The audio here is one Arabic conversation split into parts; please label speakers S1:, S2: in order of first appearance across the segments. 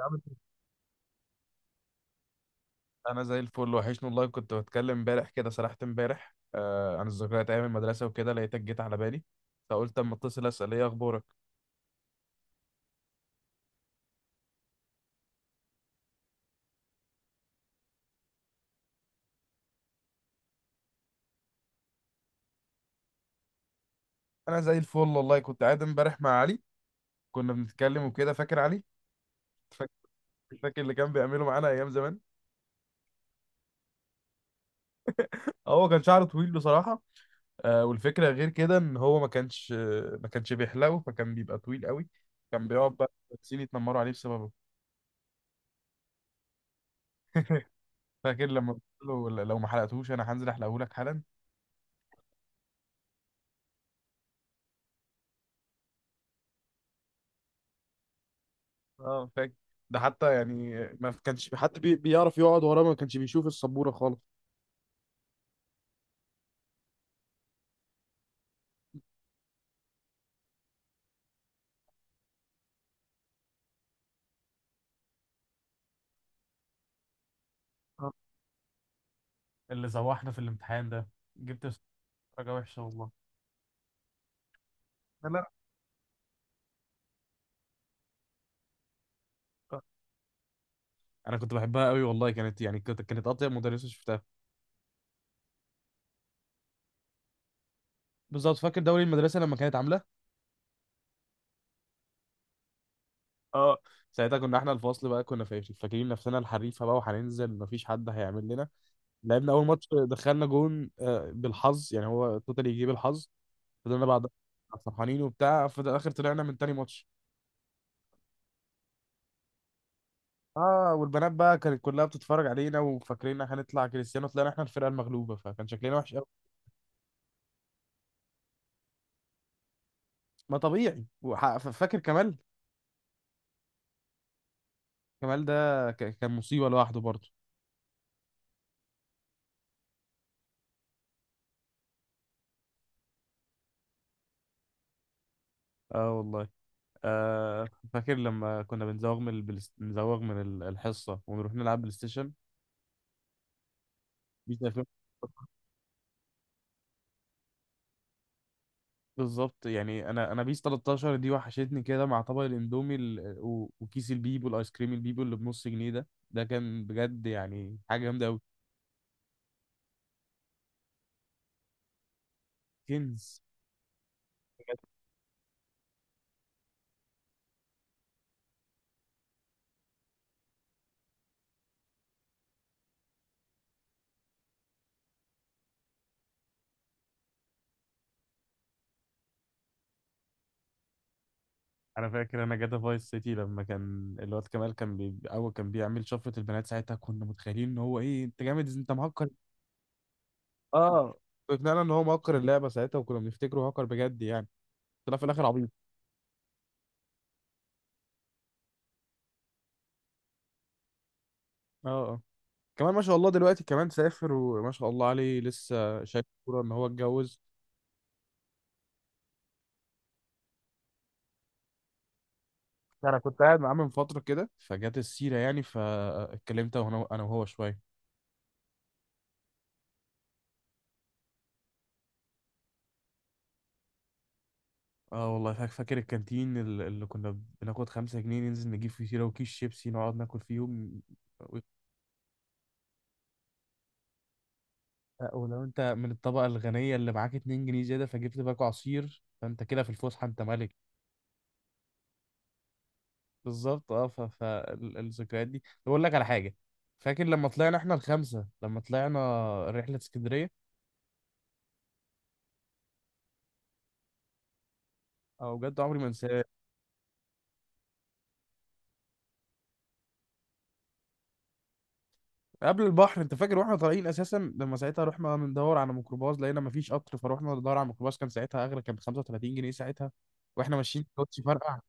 S1: عامل إيه؟ انا زي الفل، وحشني والله. كنت بتكلم امبارح، كده سرحت امبارح عن الذكريات ايام المدرسه وكده، لقيتك جيت على بالي. فقلت اما اتصل اسال ايه اخبارك. انا زي الفل والله، كنت قاعد امبارح مع علي، كنا بنتكلم وكده. فاكر علي؟ فاكر؟ فاكر اللي كان بيعمله معانا ايام زمان؟ هو كان شعره طويل بصراحه. آه، والفكره غير كده ان هو ما كانش، ما كانش بيحلقه، فكان بيبقى طويل قوي. كان بيقعد بقى المدرسين يتنمروا عليه بسببه. فاكر لما قلت له لو ما حلقتهوش انا هنزل احلقه لك حالا؟ اه فاكر. ده حتى يعني ما كانش في حد بيعرف يقعد وراه، ما كانش بيشوف السبورة خالص. آه. اللي زوحنا في الامتحان ده، جبت درجة وحشة والله. لا لا. انا كنت بحبها قوي والله، كانت يعني كانت اطيب مدرسه شفتها. بالظبط، فاكر دوري المدرسه لما كانت عامله؟ اه ساعتها، كنا احنا الفصل بقى، كنا فاكرين نفسنا الحريفه بقى، وهننزل مفيش حد هيعمل لنا. لعبنا اول ماتش دخلنا جون بالحظ يعني، هو توتالي يجيب الحظ. فضلنا بعد فرحانين وبتاع، في الاخر طلعنا من تاني ماتش. اه والبنات بقى كانت كلها بتتفرج علينا وفاكرين هنطلع كريستيانو، طلعنا احنا الفرقه المغلوبه، فكان شكلنا وحش قوي. ما طبيعي، فاكر كمال؟ كمال ده كان مصيبه لوحده برضه. اه والله. آه، فاكر لما كنا بنزوغ من الحصه ونروح نلعب بلاي ستيشن؟ بيس 2000. بالظبط، يعني انا بيس 13 دي وحشتني كده، مع طبق الاندومي وكيس البيبو، الايس كريم البيبو اللي بنص جنيه ده، ده كان بجد يعني حاجه جامده قوي. كنز. انا فاكر انا جاتا فايس سيتي، لما كان الواد كمال كان اول كان بيعمل شفره البنات، ساعتها كنا متخيلين ان هو ايه، انت جامد، انت مهكر. اه فعلا ان هو مهكر اللعبه ساعتها، وكنا بنفتكره هاكر بجد يعني. طلع في الاخر عبيط. اه اه. كمان ما شاء الله دلوقتي، كمان سافر وما شاء الله عليه، لسه شايف كوره، ان هو اتجوز. انا كنت قاعد معاه من فتره كده، فجت السيره يعني، فاتكلمت انا وهو شويه. اه والله فاكر الكانتين اللي كنا بناخد خمسة جنيه ننزل نجيب فيه سيرة وكيس شيبسي نقعد ناكل فيهم؟ لا، ولو انت من الطبقة الغنية اللي معاك 2 جنيه زيادة فجبت باكو عصير، فانت كده في الفسحة انت ملك. بالظبط اه. فالذكريات دي بقول لك على حاجة، فاكر لما طلعنا احنا الخمسة لما طلعنا رحلة اسكندرية؟ او بجد، عمري ما انساه. قبل البحر، انت فاكر واحنا طالعين اساسا، لما ساعتها رحنا ندور على ميكروباص، لقينا مفيش قطر، فروحنا ندور على ميكروباص، كان ساعتها اغلى، كان ب 35 جنيه ساعتها. واحنا ماشيين الكوتش فرقع.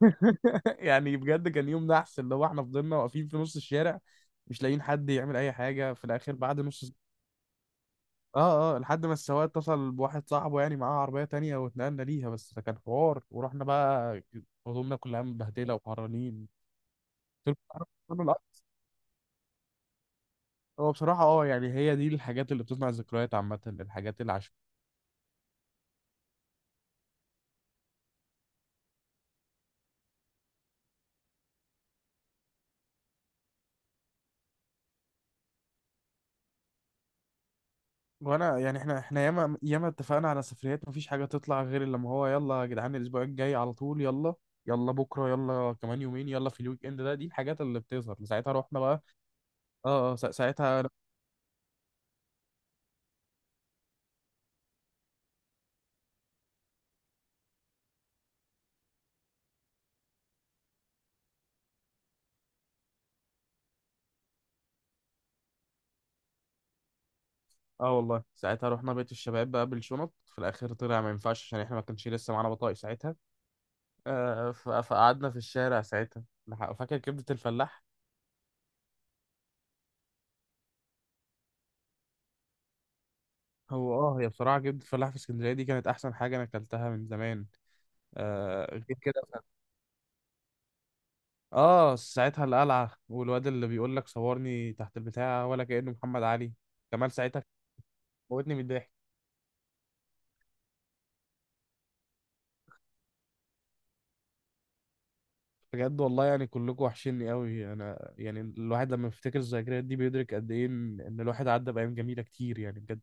S1: يعني بجد كان يوم نحس، اللي هو احنا فضلنا واقفين في نص الشارع، مش لاقيين حد يعمل اي حاجه. في الاخر بعد نص ساعة، اه اه لحد ما السواق اتصل بواحد صاحبه يعني معاه عربيه تانية، واتنقلنا ليها. بس ده كان حوار، ورحنا بقى هدومنا كلها متبهدله وحرانين. قلت له، "أنا الأكتر". هو بصراحه اه يعني، هي دي الحاجات اللي بتصنع الذكريات عامه، الحاجات اللي، وانا يعني، احنا احنا ياما اتفقنا على سفريات مفيش حاجه تطلع غير لما هو، يلا يا جدعان الاسبوع الجاي على طول، يلا يلا بكره، يلا كمان يومين، يلا في الويك اند ده. دي الحاجات اللي بتظهر ساعتها، رحنا بقى. اه اه ساعتها. اه والله ساعتها رحنا بيت الشباب بقى بالشنط، في الاخر طلع ما ينفعش عشان احنا ما كانش لسه معانا بطايق ساعتها. آه فقعدنا في الشارع ساعتها. فاكر كبده الفلاح؟ هو اه، هي بصراحه كبده الفلاح في اسكندريه دي كانت احسن حاجه انا اكلتها من زمان. آه غير كده. اه ساعتها القلعة، والواد اللي بيقول لك صورني تحت البتاع، ولا كأنه محمد علي. كمال ساعتها موتني من الضحك. بجد والله، يعني كلكم وحشني قوي انا، يعني الواحد لما بيفتكر الذكريات دي بيدرك قد ايه إن الواحد عدى بأيام جميلة كتير يعني بجد.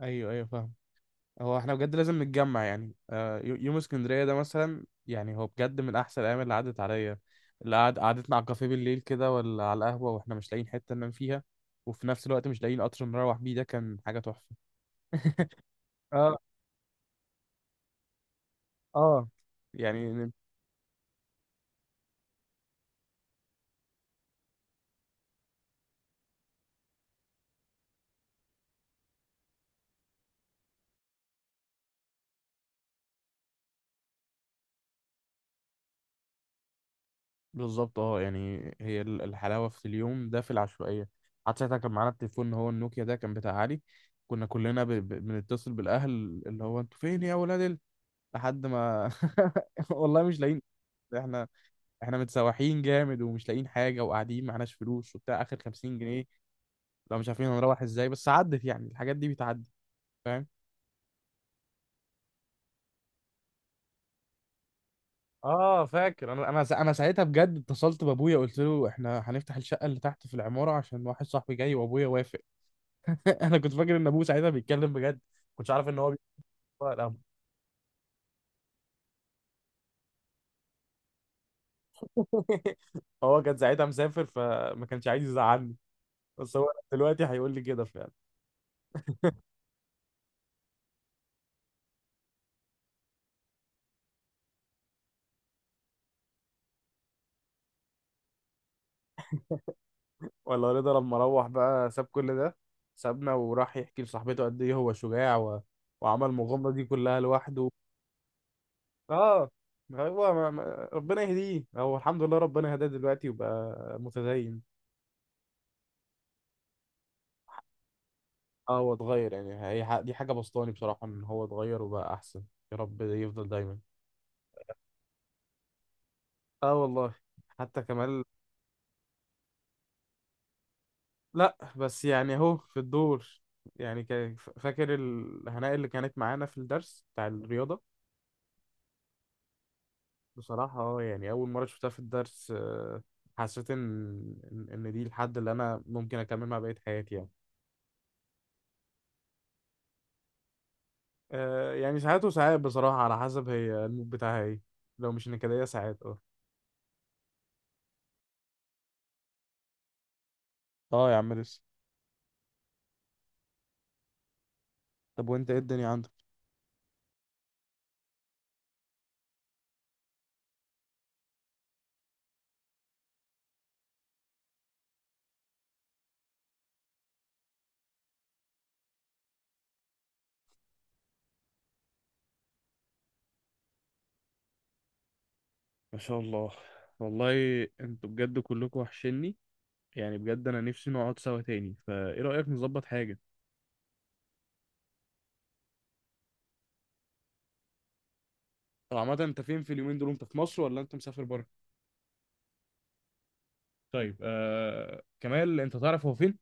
S1: ايوه ايوه فاهم. هو احنا بجد لازم نتجمع يعني، يوم اسكندرية ده مثلا، يعني هو بجد من احسن الايام اللي عدت عليا. اللي قعد قعدتنا على الكافيه بالليل كده، ولا على القهوة واحنا مش لاقيين حتة ننام فيها، وفي نفس الوقت مش لاقيين قطر نروح بيه، ده كان حاجة تحفة. اه. يعني بالظبط اه، يعني هي الحلاوه في اليوم ده في العشوائيه. حتى ساعتها كان معانا التليفون اللي هو النوكيا ده، كان بتاع علي. كنا كلنا بنتصل بالاهل، اللي هو انتوا فين يا ولاد ال... لحد ما والله مش لاقيين. احنا احنا متسوحين جامد ومش لاقيين حاجه، وقاعدين معناش فلوس وبتاع، اخر 50 جنيه لو مش عارفين هنروح ازاي. بس عدت يعني، الحاجات دي بتعدي. فاهم. اه فاكر، انا ساعتها بجد اتصلت بابويا قلت له احنا هنفتح الشقه اللي تحت في العماره عشان واحد صاحبي جاي، وابويا وافق. انا كنت فاكر ان ابوه ساعتها بيتكلم بجد، كنتش عارف ان هو بيتكلم. هو كان ساعتها مسافر، فما كانش عايز يزعلني. بس هو دلوقتي هيقول لي كده فعلا. ولا رضا لما روح بقى، ساب كل ده، سابنا وراح يحكي لصاحبته قد ايه هو شجاع، وعمل المغامره دي كلها لوحده. اه هو ما... ما... ربنا يهديه. هو الحمد لله ربنا هداه دلوقتي وبقى متدين. اه هو اتغير، يعني دي حاجة بسطاني بصراحة ان هو اتغير وبقى احسن. يا رب يفضل دايما. اه والله. حتى كمال، لا بس يعني اهو في الدور. يعني فاكر الهناء اللي كانت معانا في الدرس بتاع الرياضة؟ بصراحة اه، يعني أول مرة شفتها في الدرس حسيت إن دي الحد اللي أنا ممكن أكمل مع بقية حياتي يعني. يعني ساعات وساعات بصراحة، على حسب هي المود بتاعها ايه. لو مش نكدية ساعات اه. اه يا عم لسه. طب وانت ايه الدنيا عندك؟ ما شاء الله. والله انتوا بجد كلكم وحشني، يعني بجد انا نفسي نقعد سوا تاني، فايه رأيك نظبط حاجة؟ طب عامة، انت فين في اليومين دول؟ انت في مصر ولا انت مسافر بره؟ طيب آه، كمال انت تعرف هو فين؟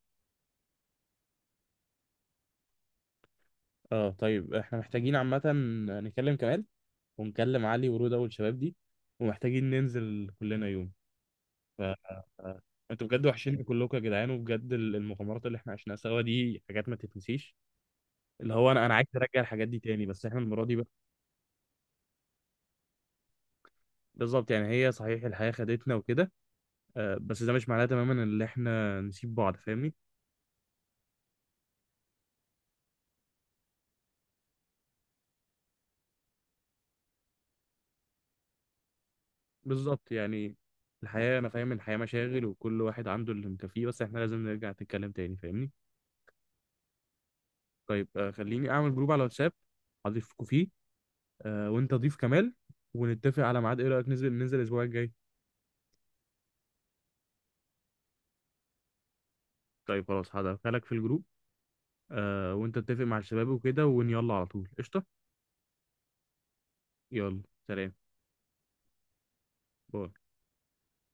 S1: اه طيب، احنا محتاجين عامة نكلم كمال، ونكلم علي ورودة والشباب دي، ومحتاجين ننزل كلنا يوم. ف آه، انتوا بجد وحشين كلكم يا جدعان، وبجد المغامرات اللي احنا عشناها سوا دي حاجات ما تتنسيش. اللي هو انا عايز ارجع الحاجات دي تاني، بس احنا المرة دي بالظبط. يعني هي صحيح الحياة خدتنا وكده، آه، بس ده مش معناه تماما ان احنا نسيب بعض، فاهمني. بالظبط. يعني الحياة، انا فاهم إن الحياة مشاغل وكل واحد عنده اللي مكفيه، بس احنا لازم نرجع نتكلم تاني، فاهمني. طيب آه، خليني اعمل جروب على واتساب اضيفكوا فيه، آه، وانت ضيف كمال، ونتفق على ميعاد. ايه رأيك ننزل الاسبوع الجاي؟ طيب خلاص، هدخلك في الجروب، آه، وانت اتفق مع الشباب وكده، يلا على طول قشطة. يلا، سلام، باي.